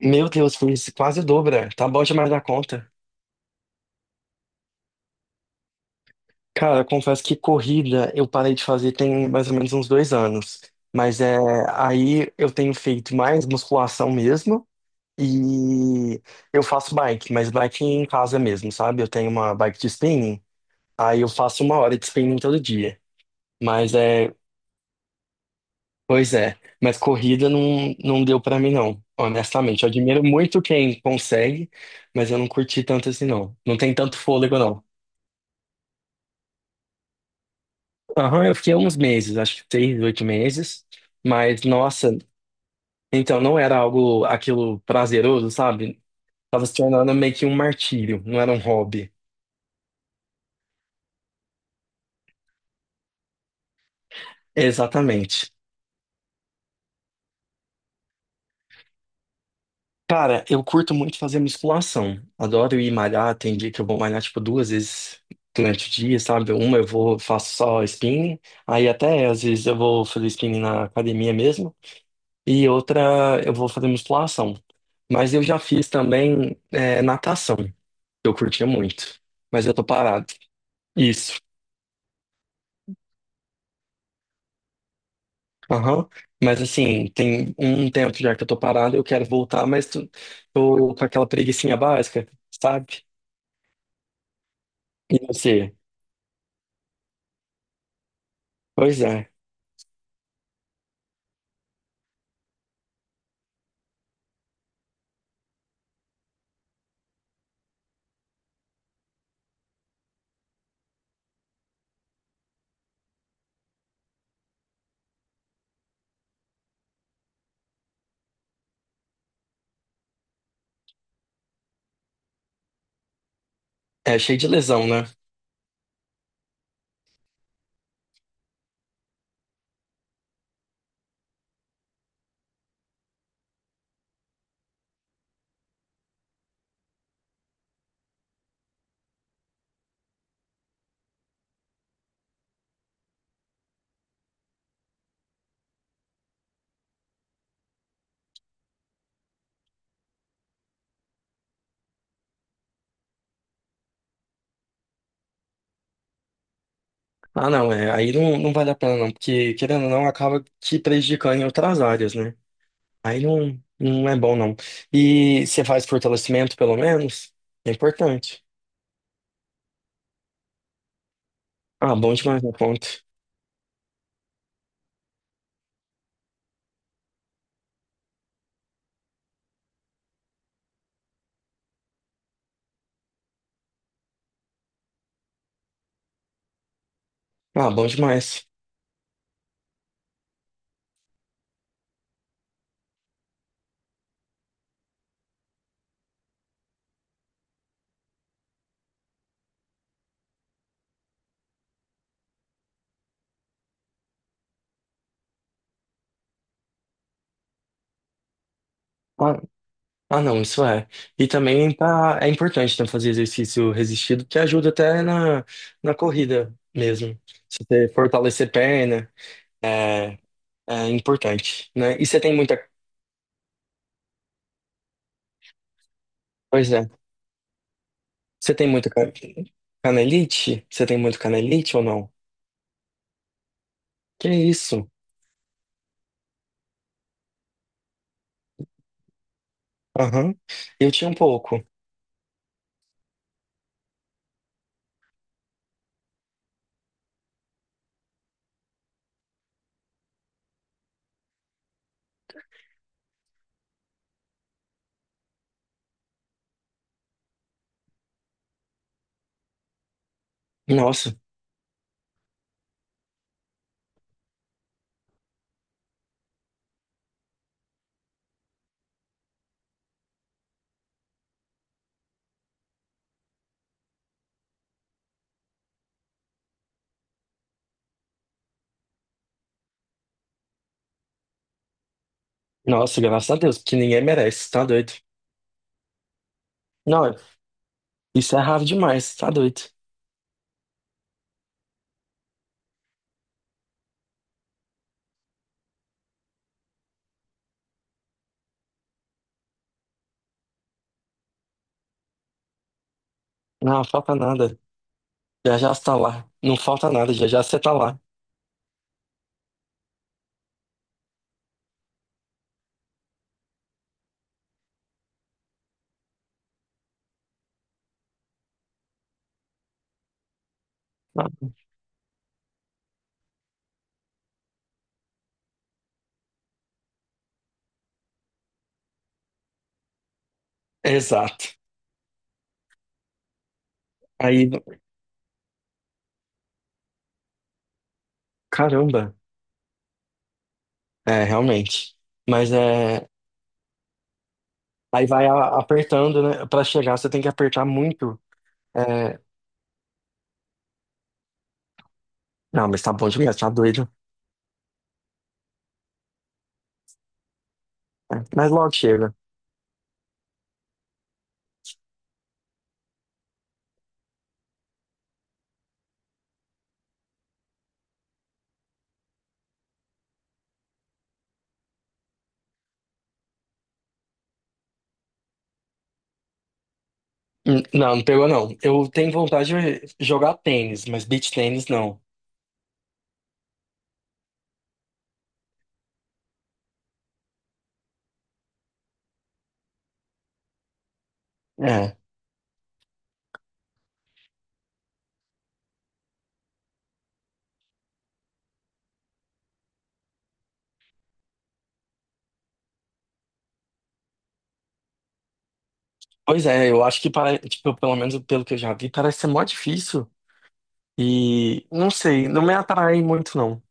Meu Deus, fiz quase dobra. Tá bom demais da conta. Cara, confesso que corrida eu parei de fazer tem mais ou menos uns 2 anos. Mas é, aí eu tenho feito mais musculação mesmo e eu faço bike, mas bike em casa mesmo, sabe? Eu tenho uma bike de spinning, aí eu faço 1 hora de spinning todo dia. Mas é, pois é, mas corrida não, não deu pra mim não, honestamente. Eu admiro muito quem consegue, mas eu não curti tanto assim não. Não tem tanto fôlego não. Aham, eu fiquei uns meses, acho que 6, 8 meses. Mas, nossa, então não era algo, aquilo prazeroso, sabe? Tava se tornando meio que um martírio, não era um hobby. Exatamente. Cara, eu curto muito fazer musculação. Adoro ir malhar. Tem dia que eu vou malhar, tipo, 2 vezes durante o dia, sabe? Uma eu vou, faço só spinning. Aí até, às vezes, eu vou fazer spinning na academia mesmo. E outra, eu vou fazer musculação. Mas eu já fiz também, natação. Eu curtia muito, mas eu tô parado. Isso. Aham. Mas assim, tem um tempo já que eu tô parado, eu quero voltar, mas tô com aquela preguicinha básica, sabe? E você? Pois é. É cheio de lesão, né? Ah, não, é. Aí não, não vale a pena, não, porque querendo ou não, acaba te prejudicando em outras áreas, né? Aí não, não é bom, não. E você faz fortalecimento, pelo menos? É importante. Ah, bom demais, meu ponto. Ah, bom demais. Ah, Ah, não, isso é. E também tá, é importante né, fazer exercício resistido, que ajuda até na, na corrida mesmo. Se você fortalecer perna, é, é importante, né? E você tem muita. Pois é. Você tem muita canelite? Você tem muito canelite ou não? Que isso? Aham. Eu tinha um pouco. Nossa, nossa, graças a Deus, porque ninguém merece, tá doido? Não, isso é raro demais, tá doido? Não, falta nada. Já já você tá lá. Não falta nada, já já você tá lá. Ah, exato. Aí, caramba, é, realmente. Mas é, aí vai apertando, né? Pra chegar, você tem que apertar muito. É, não, mas tá bom demais, tá doido. É, mas logo chega. Não, não pegou não. Eu tenho vontade de jogar tênis, mas beach tênis não. É. Pois é, eu acho que para, tipo, pelo menos pelo que eu já vi, parece ser mó difícil. E não sei, não me atrai muito não.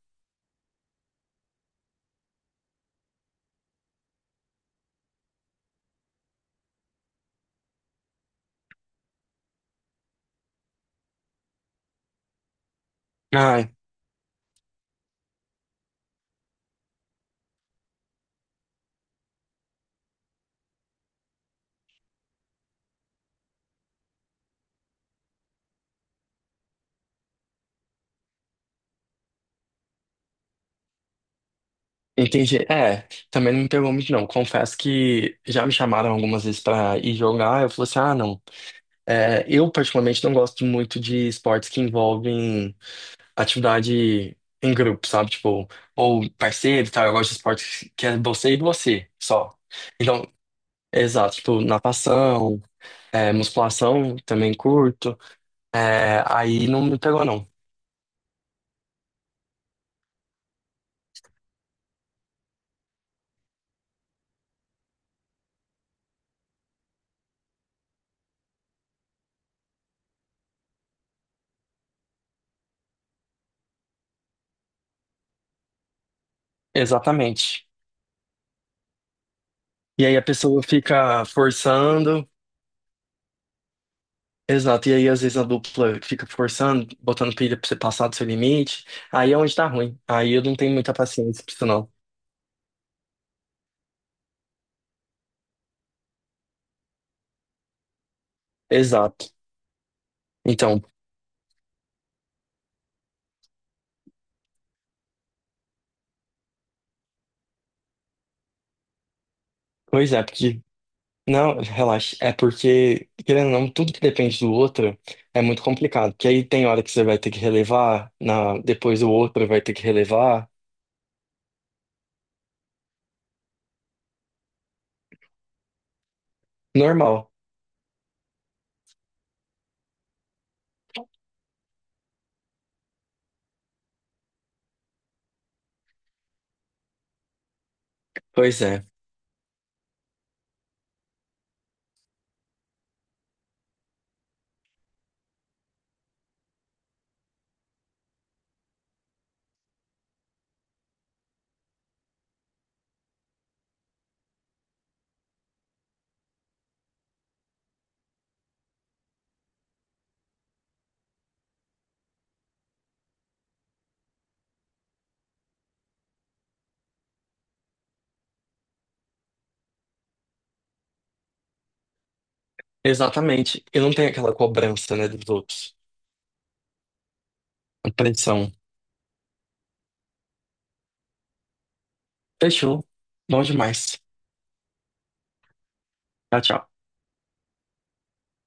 Ah, entendi. É, também não me pegou muito, não. Confesso que já me chamaram algumas vezes pra ir jogar. Eu falei assim: ah, não. É, eu, particularmente, não gosto muito de esportes que envolvem atividade em grupo, sabe? Tipo, ou parceiro e tal. Eu gosto de esportes que é você e você só. Então, exato. Tipo, natação, é, musculação, também curto. É, aí não me pegou, não. Exatamente. E aí a pessoa fica forçando. Exato, e aí às vezes a dupla fica forçando, botando pilha pra você passar do seu limite, aí é onde tá ruim. Aí eu não tenho muita paciência pra isso, não. Exato. Então, pois é, porque. Não, relaxa. É porque, querendo ou não, tudo que depende do outro é muito complicado. Porque aí tem hora que você vai ter que relevar, na... depois o outro vai ter que relevar. Normal. Pois é. Exatamente. Eu não tenho aquela cobrança, né, dos outros. A pressão. Fechou. Bom demais. Tchau, tchau.